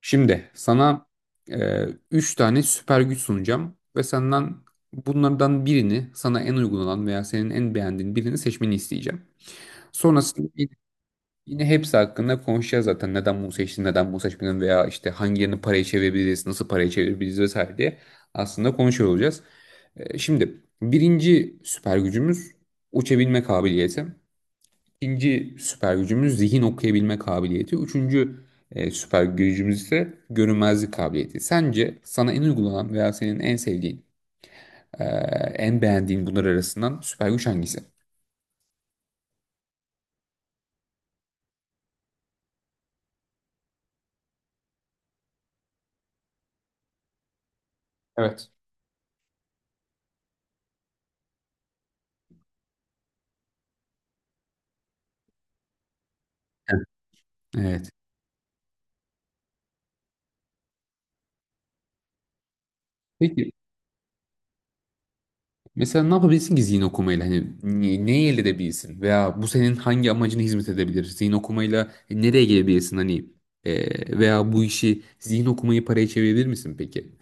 Şimdi sana üç tane süper güç sunacağım ve senden bunlardan birini sana en uygun olan veya senin en beğendiğin birini seçmeni isteyeceğim. Sonrasında yine hepsi hakkında konuşacağız zaten neden bunu seçtin, neden bunu seçmedin veya işte hangilerini paraya çevirebiliriz, nasıl paraya çevirebiliriz vesaire diye aslında konuşuyor olacağız. Şimdi birinci süper gücümüz uçabilme kabiliyeti. İkinci süper gücümüz zihin okuyabilme kabiliyeti. Üçüncü süper gücümüz ise görünmezlik kabiliyeti. Sence sana en uygulanan veya senin en sevdiğin, e, en beğendiğin bunlar arasından süper güç hangisi? Evet. Evet. Evet. Peki mesela ne yapabilirsin ki zihin okumayla? Hani neyi elde edebilirsin? Veya bu senin hangi amacına hizmet edebilir? Zihin okumayla nereye gelebilirsin? Hani veya bu işi zihin okumayı paraya çevirebilir misin peki?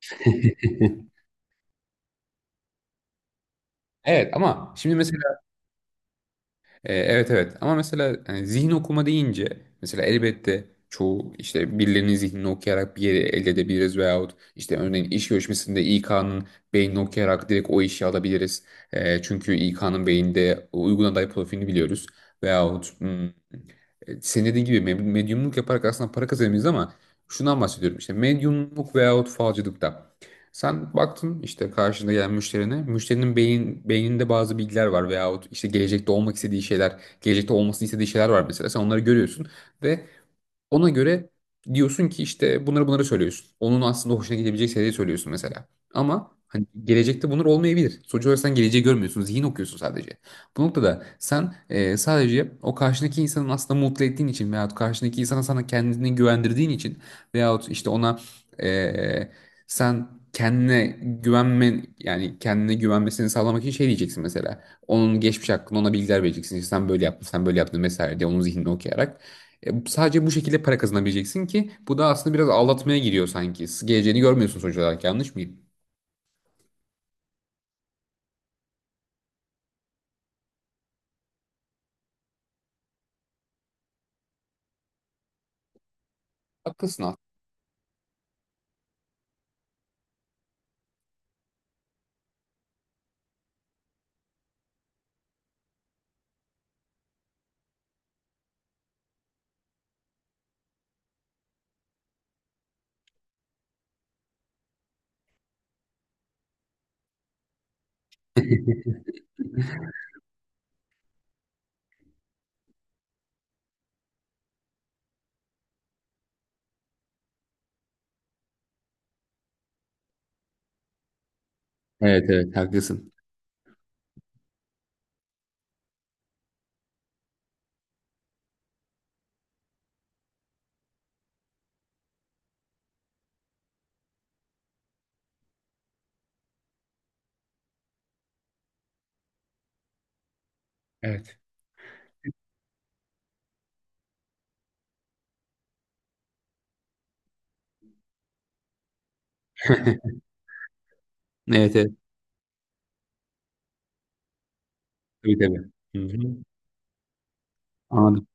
Evet ama şimdi mesela, evet evet ama mesela yani zihin okuma deyince mesela elbette çoğu işte birilerinin zihnini okuyarak bir yeri elde edebiliriz veyahut işte örneğin iş görüşmesinde İK'nın beynini okuyarak direkt o işi alabiliriz. Çünkü İK'nın beyinde uygun aday profilini biliyoruz veyahut senin dediğin gibi medyumluk yaparak aslında para kazanabiliriz ama şundan bahsediyorum işte medyumluk veyahut falcılıkta. Sen baktın işte karşında gelen müşterine. Müşterinin beyninde bazı bilgiler var veyahut işte gelecekte olmak istediği şeyler, gelecekte olmasını istediği şeyler var mesela. Sen onları görüyorsun ve ona göre diyorsun ki işte bunları söylüyorsun. Onun aslında hoşuna gidebilecek şeyleri söylüyorsun mesela. Ama hani gelecekte bunlar olmayabilir. Sonuç olarak sen geleceği görmüyorsun. Zihin okuyorsun sadece. Bu noktada sen sadece o karşındaki insanın aslında mutlu ettiğin için veyahut karşındaki insana sana kendini güvendirdiğin için veyahut işte ona e, sen kendine güvenmen yani kendine güvenmesini sağlamak için şey diyeceksin mesela. Onun geçmiş hakkında ona bilgiler vereceksin. İşte sen böyle yaptın, sen böyle yaptın mesela diye onun zihnini okuyarak. Sadece bu şekilde para kazanabileceksin ki bu da aslında biraz aldatmaya giriyor sanki. Geleceğini görmüyorsun sonuç olarak, yanlış mıyım? Haklısın aslında. Evet evet haklısın. Evet. Evet evet. Tabii tabii. Hı hı. Anladım.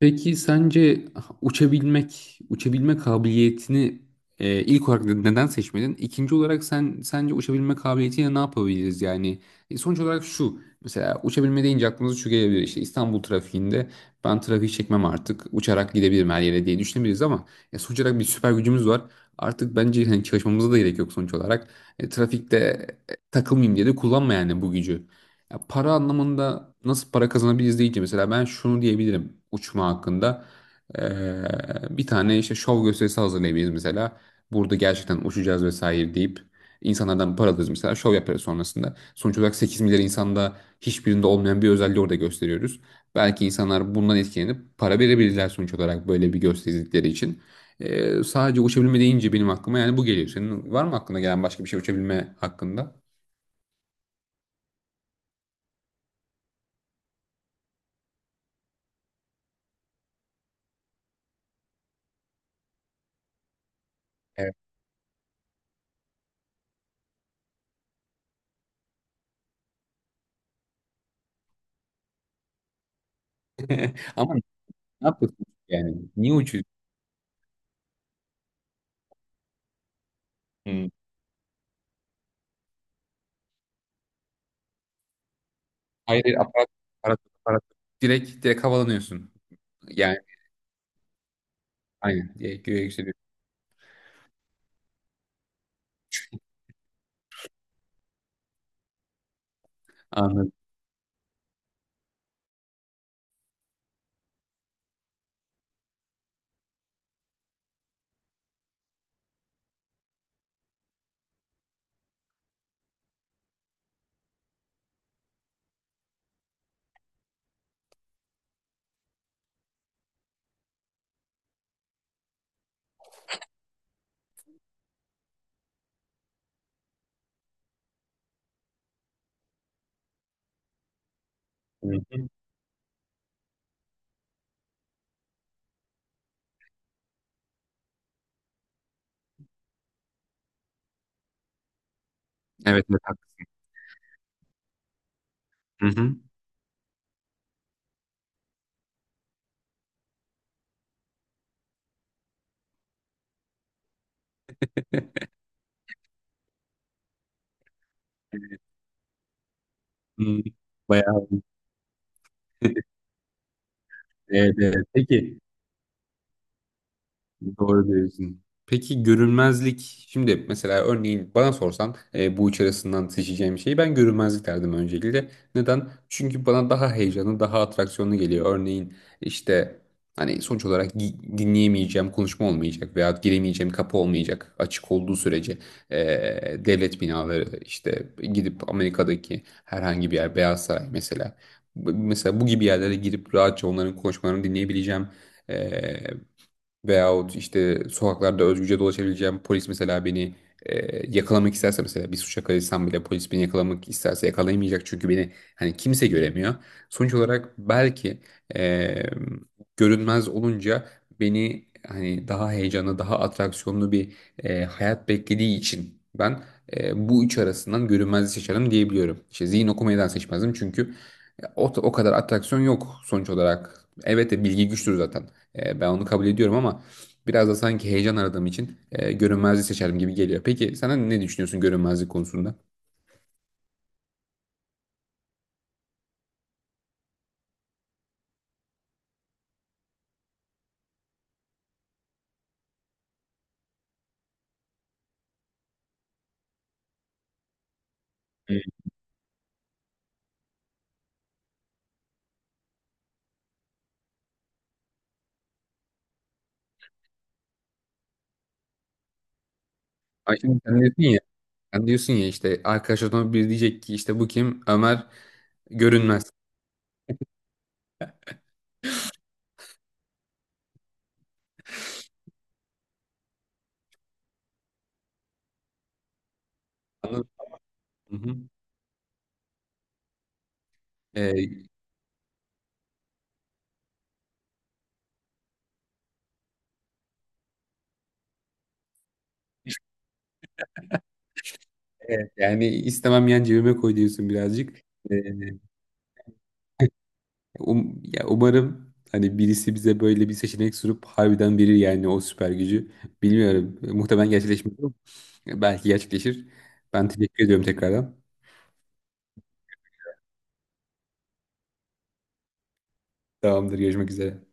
Peki sence uçabilmek, uçabilme kabiliyetini ilk olarak neden seçmedin? İkinci olarak sen sence uçabilme kabiliyetiyle ne yapabiliriz yani? Sonuç olarak şu, mesela uçabilme deyince aklımıza şu gelebilir, işte İstanbul trafiğinde ben trafiği çekmem artık uçarak gidebilirim her yere diye düşünebiliriz ama sonuç olarak bir süper gücümüz var. Artık bence hani çalışmamıza da gerek yok sonuç olarak. Trafikte takılmayayım diye de kullanma yani bu gücü. Ya para anlamında nasıl para kazanabiliriz deyince mesela ben şunu diyebilirim uçma hakkında. Bir tane işte şov gösterisi hazırlayabiliriz mesela. Burada gerçekten uçacağız vesaire deyip insanlardan para alırız mesela, şov yaparız sonrasında. Sonuç olarak 8 milyar insanda hiçbirinde olmayan bir özelliği orada gösteriyoruz. Belki insanlar bundan etkilenip para verebilirler sonuç olarak böyle bir gösterdikleri için. Sadece uçabilme deyince benim aklıma yani bu geliyor. Senin var mı aklına gelen başka bir şey uçabilme hakkında? Evet. Ama ne yapıyorsun yani? Niye uçuyorsun? Hmm. Hayır, hayır, aparat. Direkt havalanıyorsun. Yani aynen. Direkt göğe yükseliyorsun. Anladım. Hı hı. Evet, evet haklısın. Hı hı. Evet. Hı, bayağı. Evet, evet. Peki. Doğru diyorsun. Peki görünmezlik, şimdi mesela örneğin bana sorsan bu üç arasından seçeceğim şeyi ben görünmezlik derdim öncelikle. Neden? Çünkü bana daha heyecanlı, daha atraksiyonlu geliyor. Örneğin işte hani sonuç olarak dinleyemeyeceğim konuşma olmayacak veya giremeyeceğim kapı olmayacak açık olduğu sürece. e, Devlet binaları işte gidip Amerika'daki herhangi bir yer, Beyaz Saray mesela. Mesela bu gibi yerlere girip rahatça onların konuşmalarını dinleyebileceğim. e, Veyahut işte sokaklarda özgürce dolaşabileceğim, polis mesela beni yakalamak isterse, mesela bir suça karışsam bile polis beni yakalamak isterse yakalayamayacak çünkü beni hani kimse göremiyor. Sonuç olarak belki e, görünmez olunca beni hani daha heyecanlı daha atraksiyonlu bir hayat beklediği için ben bu üç arasından görünmezliği seçerim diyebiliyorum. İşte zihin okumadan seçmezdim çünkü o kadar atraksiyon yok sonuç olarak. Evet de bilgi güçtür zaten. Ben onu kabul ediyorum ama biraz da sanki heyecan aradığım için görünmezliği seçerim gibi geliyor. Peki sen ne düşünüyorsun görünmezlik konusunda? Hmm. Ay şimdi sen diyorsun ya işte arkadaşlardan biri diyecek ki işte bu kim? Ömer görünmez. Anladın mı? Hı hı. E, evet, yani istemem yan cebime koy diyorsun birazcık. E, ya umarım hani birisi bize böyle bir seçenek sunup harbiden verir yani o süper gücü. Bilmiyorum. Muhtemelen gerçekleşmez ama belki gerçekleşir. Ben teşekkür ediyorum tekrardan. Tamamdır. Görüşmek üzere.